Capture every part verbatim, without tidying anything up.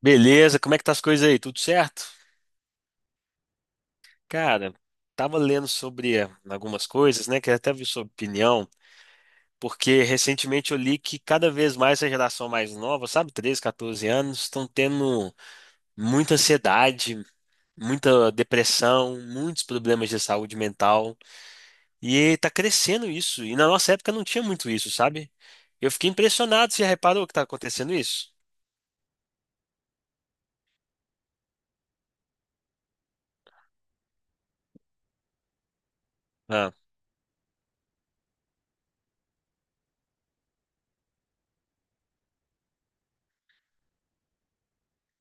Beleza, como é que tá as coisas aí? Tudo certo? Cara, tava lendo sobre eh, algumas coisas, né? Queria até ver sua opinião, porque recentemente eu li que cada vez mais a geração mais nova, sabe, treze, catorze anos, estão tendo muita ansiedade, muita depressão, muitos problemas de saúde mental, e tá crescendo isso. E na nossa época não tinha muito isso, sabe? Eu fiquei impressionado, você já reparou que tá acontecendo isso? Ah,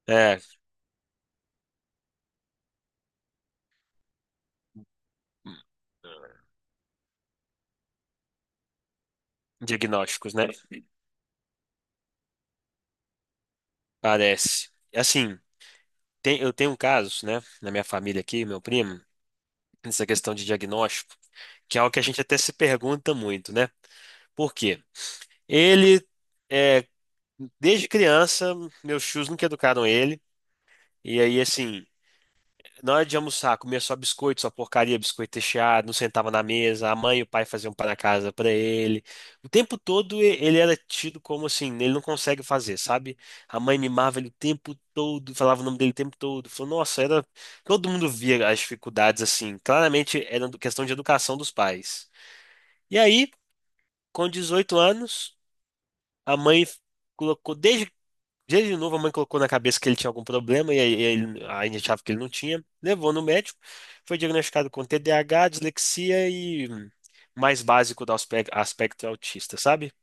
é, diagnósticos, né? Parece. Assim. Tem- eu tenho um caso, né, na minha família aqui, meu primo, nessa questão de diagnóstico, que é algo que a gente até se pergunta muito, né? Por quê? Ele, é, desde criança, meus tios nunca educaram ele, e aí, assim, na hora de almoçar, comia só biscoito, só porcaria, biscoito recheado, não sentava na mesa, a mãe e o pai faziam um pão na casa pra ele. O tempo todo e- ele era tido como assim, ele não consegue fazer, sabe? A mãe mimava ele o tempo todo, falava o nome dele o tempo todo. Falou, nossa, era. Todo mundo via as dificuldades assim. Claramente era questão de educação dos pais. E aí, com dezoito anos, a mãe colocou desde dia de novo, a mãe colocou na cabeça que ele tinha algum problema e aí ele, a gente achava que ele não tinha. Levou no médico, foi diagnosticado com T D A H, dislexia e mais básico do aspe- aspecto autista, sabe?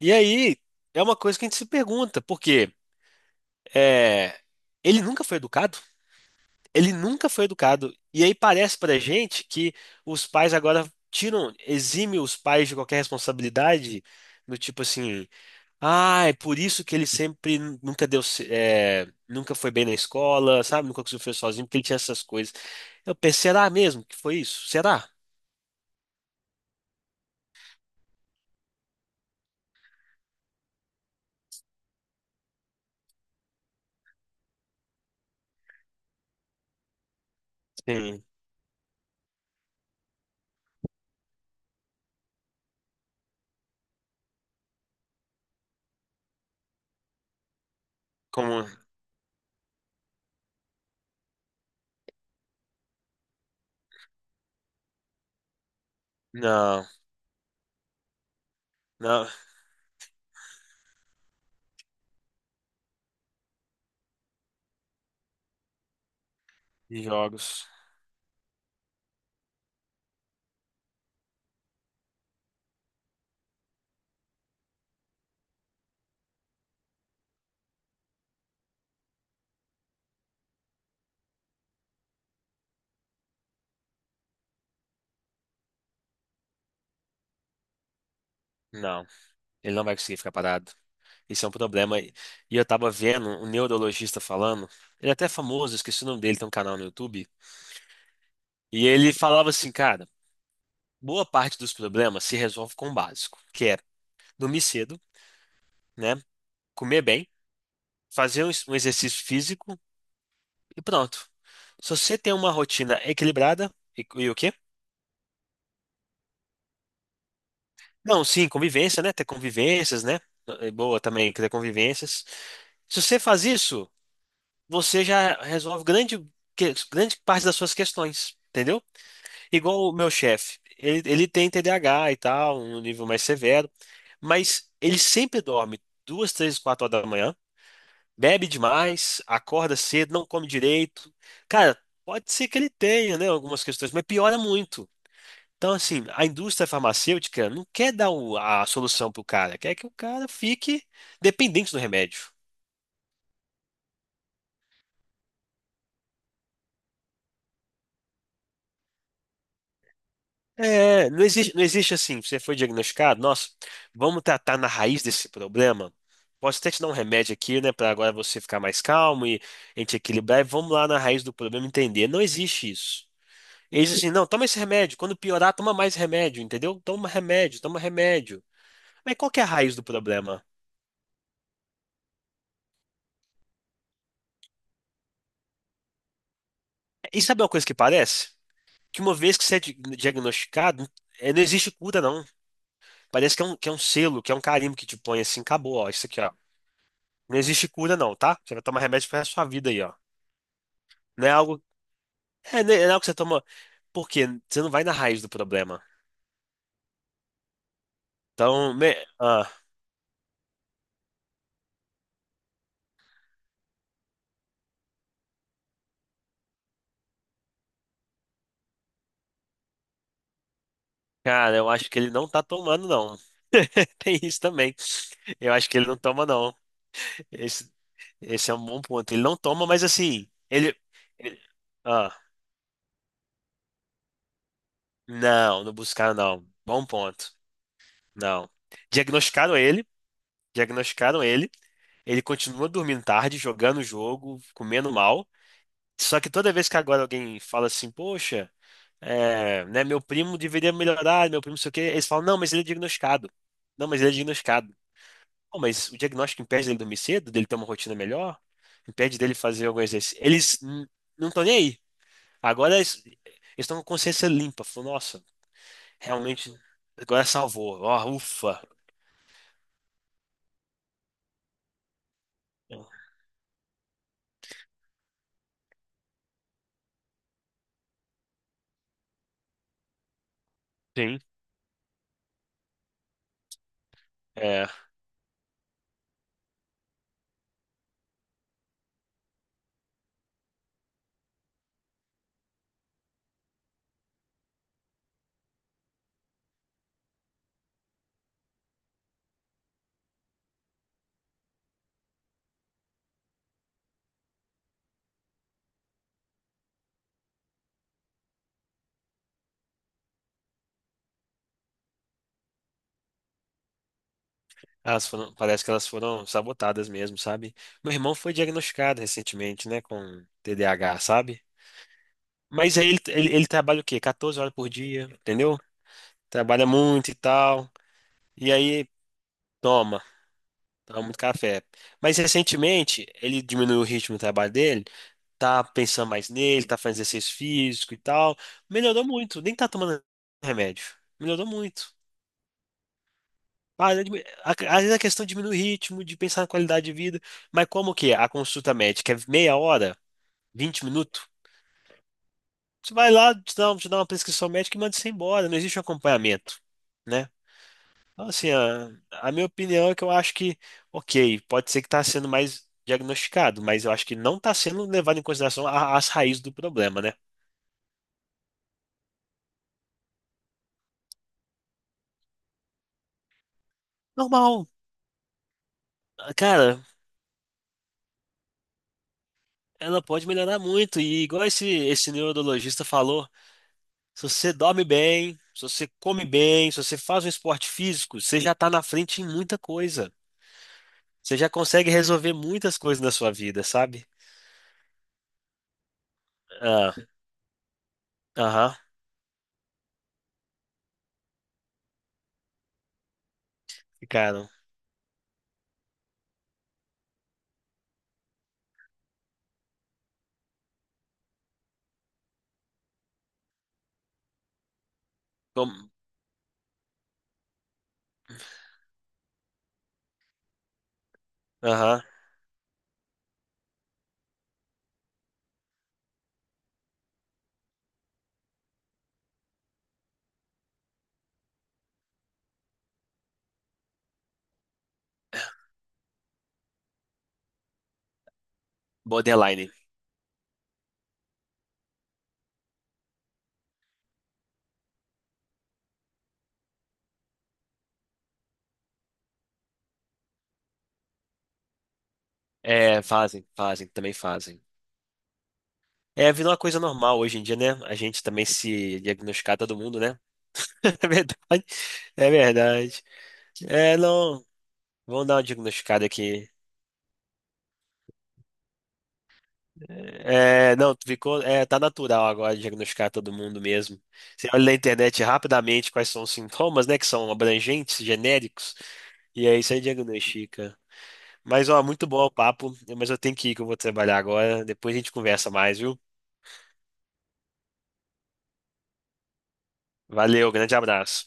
E aí é uma coisa que a gente se pergunta, porque é, ele nunca foi educado, ele nunca foi educado. E aí parece pra gente que os pais agora tiram, exime os pais de qualquer responsabilidade, do tipo assim. Ah, é por isso que ele sempre n- nunca deu, ce- é, nunca foi bem na escola, sabe? Nunca conseguiu fazer sozinho, porque ele tinha essas coisas. Eu pensei, será mesmo que foi isso? Será? Sim. Como? Não, não. Em jogos. Não. Ele não vai conseguir ficar parado. Isso é um problema. E eu tava vendo um neurologista falando, ele é até famoso, esqueci o nome dele, tem um canal no YouTube. E ele falava assim, cara, boa parte dos problemas se resolve com o básico, que é dormir cedo, né? Comer bem fazer um um exercício físico e pronto. Se você tem uma rotina equilibrada, e, e o quê? Não, sim, convivência, né? Ter convivências, né? É boa também ter convivências. Se você faz isso, você já resolve grande, que- grande parte das suas questões, entendeu? Igual o meu chefe. Ele, ele tem T D A H e tal, um nível mais severo, mas ele sempre dorme duas, três, quatro horas da manhã. Bebe demais, acorda cedo, não come direito. Cara, pode ser que ele tenha, né, algumas questões, mas piora muito. Então, assim, a indústria farmacêutica não quer dar o- a solução pro cara, quer que o cara fique dependente do remédio. É, não existe, não existe assim, você foi diagnosticado, nossa, vamos tratar na raiz desse problema. Posso até te dar um remédio aqui, né, para agora você ficar mais calmo e a gente equilibrar e vamos lá na raiz do problema entender. Não existe isso. Eles assim, não, toma esse remédio. Quando piorar, toma mais remédio, entendeu? Toma remédio, toma remédio. Mas qual que é a raiz do problema? E sabe uma coisa que parece? Que uma vez que você é di- diagnosticado, é não existe cura, não. Parece que é um, que é um selo, que é um carimbo que te põe assim, acabou, ó, isso aqui, ó. Não existe cura, não, tá? Você vai tomar remédio pro resto da sua vida aí, ó. Não é algo. É, não é algo que você toma. Por quê? Você não vai na raiz do problema. Então, me- ah, cara, eu acho que ele não tá tomando, não. Tem isso também. Eu acho que ele não toma, não. Esse, esse é um bom ponto. Ele não toma, mas assim, ele, ele- ah, não, não buscaram não. Bom ponto. Não. Diagnosticaram ele, diagnosticaram ele. Ele continua dormindo tarde, jogando o jogo, comendo mal. Só que toda vez que agora alguém fala assim, poxa, é, né, meu primo deveria melhorar, meu primo não sei o quê, eles falam, não, mas ele é diagnosticado. Não, mas ele é diagnosticado. Pô, mas o diagnóstico impede dele dormir cedo, dele ter uma rotina melhor, impede dele fazer algum exercício. Eles hum, não estão nem aí. Agora eles eles estão com consciência limpa. Falou, nossa, realmente, agora salvou. Ó, ufa. Sim. É, elas foram, parece que elas foram sabotadas mesmo, sabe? Meu irmão foi diagnosticado recentemente, né, com T D A H, sabe? Mas aí ele, ele, ele trabalha o quê? catorze horas por dia, entendeu? Trabalha muito e tal. E aí, toma, toma muito café. Mas recentemente, ele diminuiu o ritmo do trabalho dele tá pensando mais nele, tá fazendo exercício físico e tal. Melhorou muito, nem tá tomando remédio. Melhorou muito. Ah, eu admi- a- às vezes a questão diminui o ritmo, de pensar na qualidade de vida, mas como que é? A consulta médica é meia hora, vinte minutos, você vai lá, te dá, um, te dá uma prescrição médica e manda você embora, não existe um acompanhamento, né? Então, assim, a, a minha opinião é que eu acho que, ok, pode ser que está sendo mais diagnosticado, mas eu acho que não está sendo levado em consideração a- as raízes do problema, né? Normal, cara, ela pode melhorar muito. E igual esse, esse neurologista falou, se você dorme bem, se você come bem, se você faz um esporte físico, você já tá na frente em muita coisa. Você já consegue resolver muitas coisas na sua vida, sabe? Ah, aham, ficaram. Como- Aham, borderline. É, fazem, fazem, também fazem. É, virou uma coisa normal hoje em dia, né? A gente também se diagnosticar todo mundo, né? É verdade. É verdade. É, não. Vamos dar uma diagnosticada aqui. É, não, tu ficou, é, tá natural agora diagnosticar todo mundo mesmo. Você olha na internet rapidamente quais são os sintomas, né, que são abrangentes, genéricos, e aí você diagnostica. Mas, ó, muito bom o papo, mas eu tenho que ir que eu vou trabalhar agora. Depois a gente conversa mais, viu? Valeu, grande abraço.